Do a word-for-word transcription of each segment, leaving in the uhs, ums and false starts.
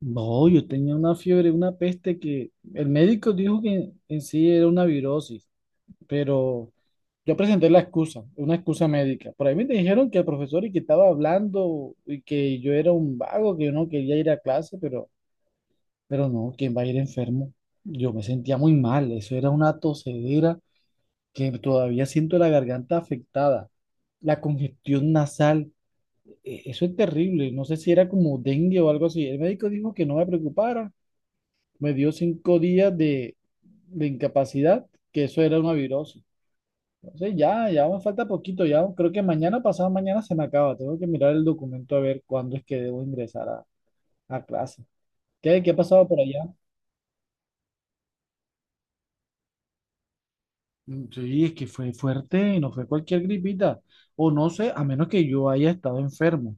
No, yo tenía una fiebre, una peste que el médico dijo que en sí era una virosis, pero yo presenté la excusa, una excusa médica. Por ahí me dijeron que el profesor y que estaba hablando y que yo era un vago, que yo no quería ir a clase, pero, pero no, ¿quién va a ir enfermo? Yo me sentía muy mal, eso era una tosedera que todavía siento la garganta afectada, la congestión nasal, e- eso es terrible, no sé si era como dengue o algo así. El médico dijo que no me preocupara, me dio cinco días de, de incapacidad, que eso era una virosis. Entonces ya, ya me falta poquito, ya creo que mañana, pasado mañana se me acaba. Tengo que mirar el documento a ver cuándo es que debo ingresar a, a clase. ¿Qué, qué ha pasado por allá? Mm, Sí, es que fue fuerte, no fue cualquier gripita. O no sé, a menos que yo haya estado enfermo.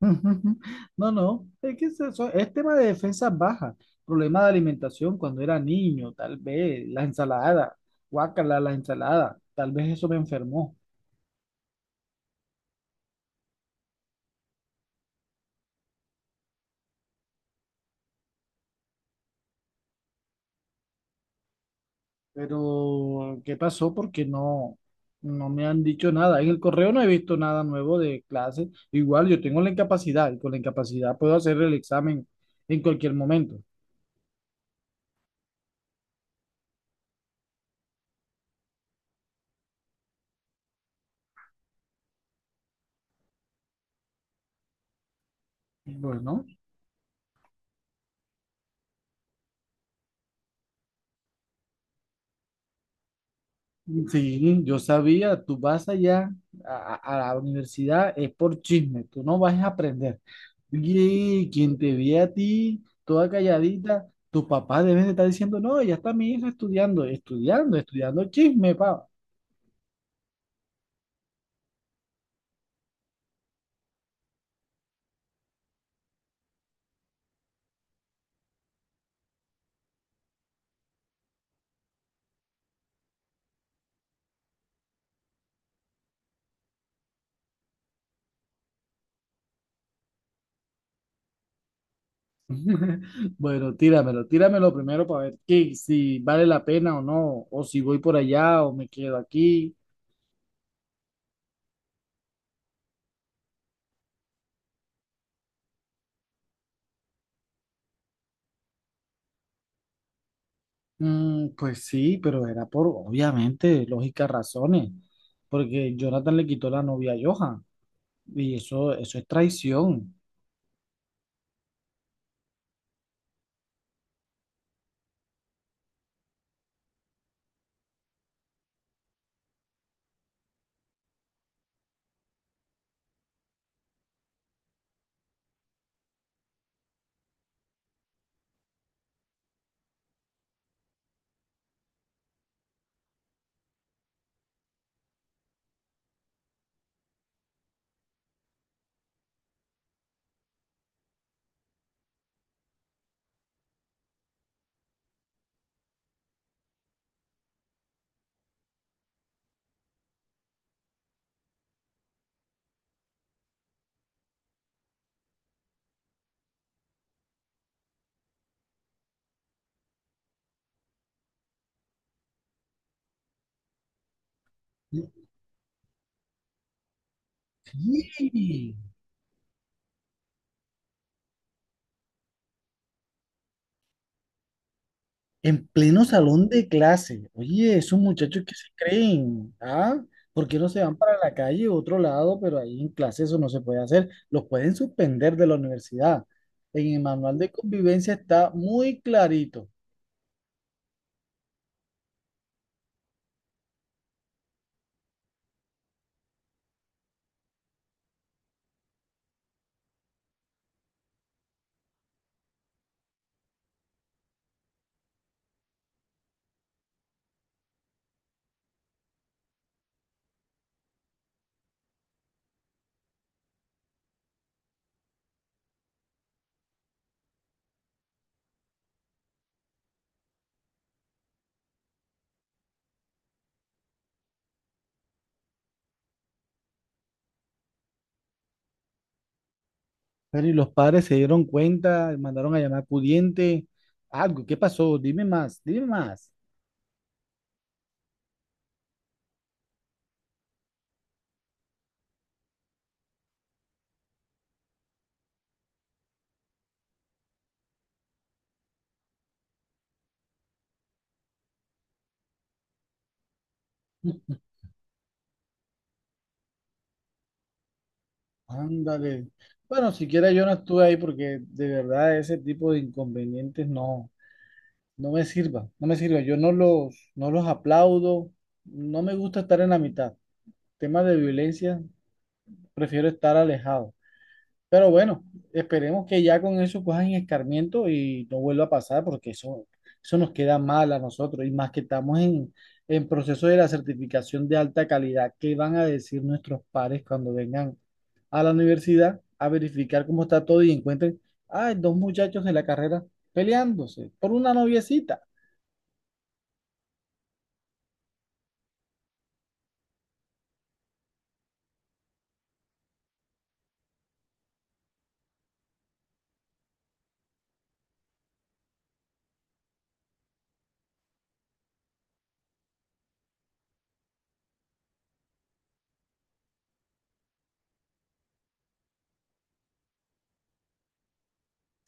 No, no, es que es eso, es tema de defensas bajas, problema de alimentación cuando era niño, tal vez, la ensalada, guácala la ensalada, tal vez eso me enfermó, pero ¿qué pasó? Porque no, no me han dicho nada, en el correo no he visto nada nuevo de clase, igual yo tengo la incapacidad y con la incapacidad puedo hacer el examen en cualquier momento. Bueno, sí, yo sabía, tú vas allá a, a- a la universidad, es por chisme, tú no vas a aprender. Oye, quien te ve a ti, toda calladita, tus papás deben de estar diciendo, no, ya está mi hija estudiando, estudiando, estudiando chisme, pa. Bueno, tíramelo, tíramelo primero para ver qué, si vale la pena o no, o si voy por allá o me quedo aquí. Mm, pues sí, pero era por, obviamente, lógicas razones, porque Jonathan le quitó la novia a Johan, y eso, eso es traición. Sí. En pleno salón de clase. Oye, esos muchachos que se creen, ¿ah? ¿Por qué no se van para la calle o otro lado? Pero ahí en clase eso no se puede hacer. Los pueden suspender de la universidad. En el manual de convivencia está muy clarito. Pero y los padres se dieron cuenta, mandaron a llamar pudiente. Algo, ¿qué pasó? Dime más, dime más. Ándale. Bueno, siquiera yo no estuve ahí porque de verdad ese tipo de inconvenientes no. No me sirva, no me sirva. Yo no los, no los aplaudo, no me gusta estar en la mitad. Temas de violencia, prefiero estar alejado. Pero bueno, esperemos que ya con eso cojan escarmiento y no vuelva a pasar porque eso, eso nos queda mal a nosotros y más que estamos en, en proceso de la certificación de alta calidad. ¿Qué van a decir nuestros pares cuando vengan a la universidad a verificar cómo está todo y encuentren, ay, dos muchachos de la carrera peleándose por una noviecita?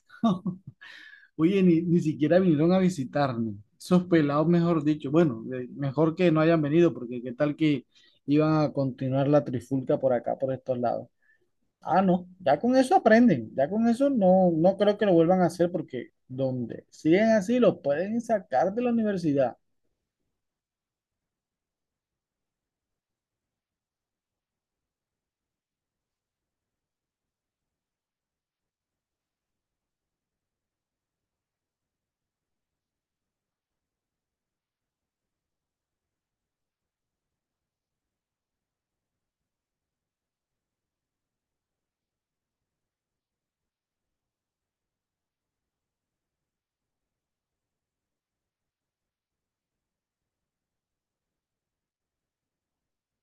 Oye, ni, ni siquiera vinieron a visitarme. Esos pelados, mejor dicho. Bueno, eh, mejor que no hayan venido, porque qué tal que iban a continuar la trifulca por acá, por estos lados. Ah, no, ya con eso aprenden. Ya con eso no, no creo que lo vuelvan a hacer, porque donde siguen así, los pueden sacar de la universidad.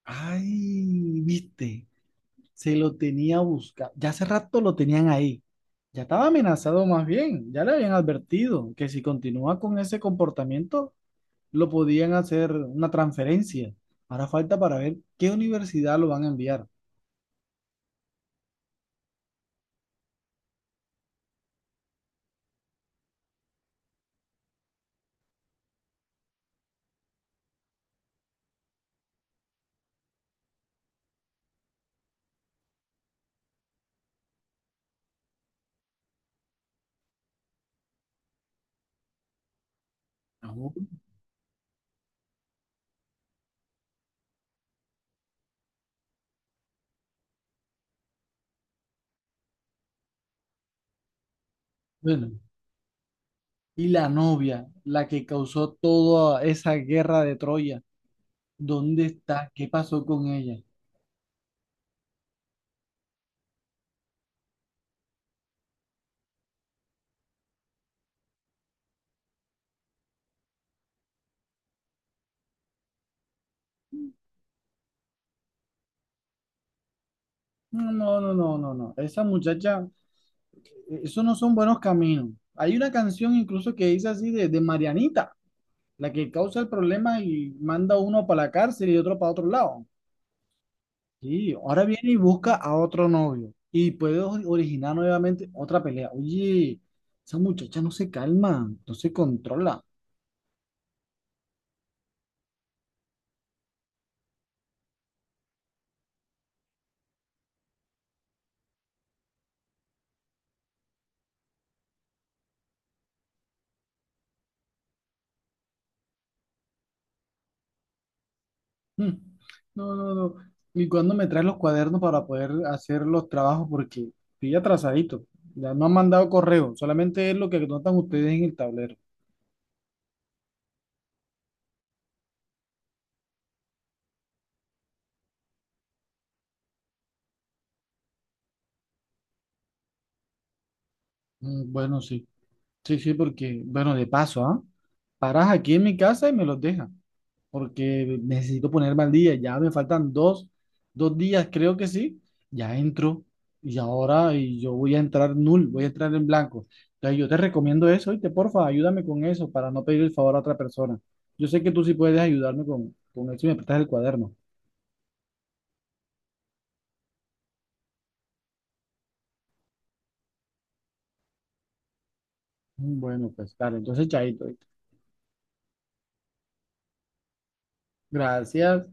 Ay, viste, se lo tenía buscado. Ya hace rato lo tenían ahí. Ya estaba amenazado más bien, ya le habían advertido que si continúa con ese comportamiento, lo podían hacer una transferencia. Ahora falta para ver qué universidad lo van a enviar. No, bueno, y la novia, la que causó toda esa guerra de Troya, ¿dónde está? ¿Qué pasó con ella? No, no, no, no, no, no. Esa muchacha, eh, esos no son buenos caminos. Hay una canción incluso que dice así de, de Marianita, la que causa el problema y manda uno para la cárcel y otro para otro lado. Sí, ahora viene y busca a otro novio y puede ori- originar nuevamente otra pelea. Oye, esa muchacha no se calma, no se controla. Mm. No, no, no. ¿Y cuándo me traes los cuadernos para poder hacer los trabajos? Porque estoy atrasadito. Ya no han mandado correo, solamente es lo que notan ustedes en el tablero. Mm, Bueno, sí, sí, sí, porque, bueno, de paso, ¿ah? Paras aquí en mi casa y me los dejas, porque necesito ponerme al día. Ya me faltan dos, dos días, creo que sí. Ya entro y ahora y yo voy a entrar null, voy a entrar en blanco. Entonces yo te recomiendo eso y te porfa, ayúdame con eso para no pedir el favor a otra persona. Yo sé que tú sí puedes ayudarme con, con eso y me prestas el cuaderno. Bueno, pues claro, entonces chaito. ¿Oíste? Gracias.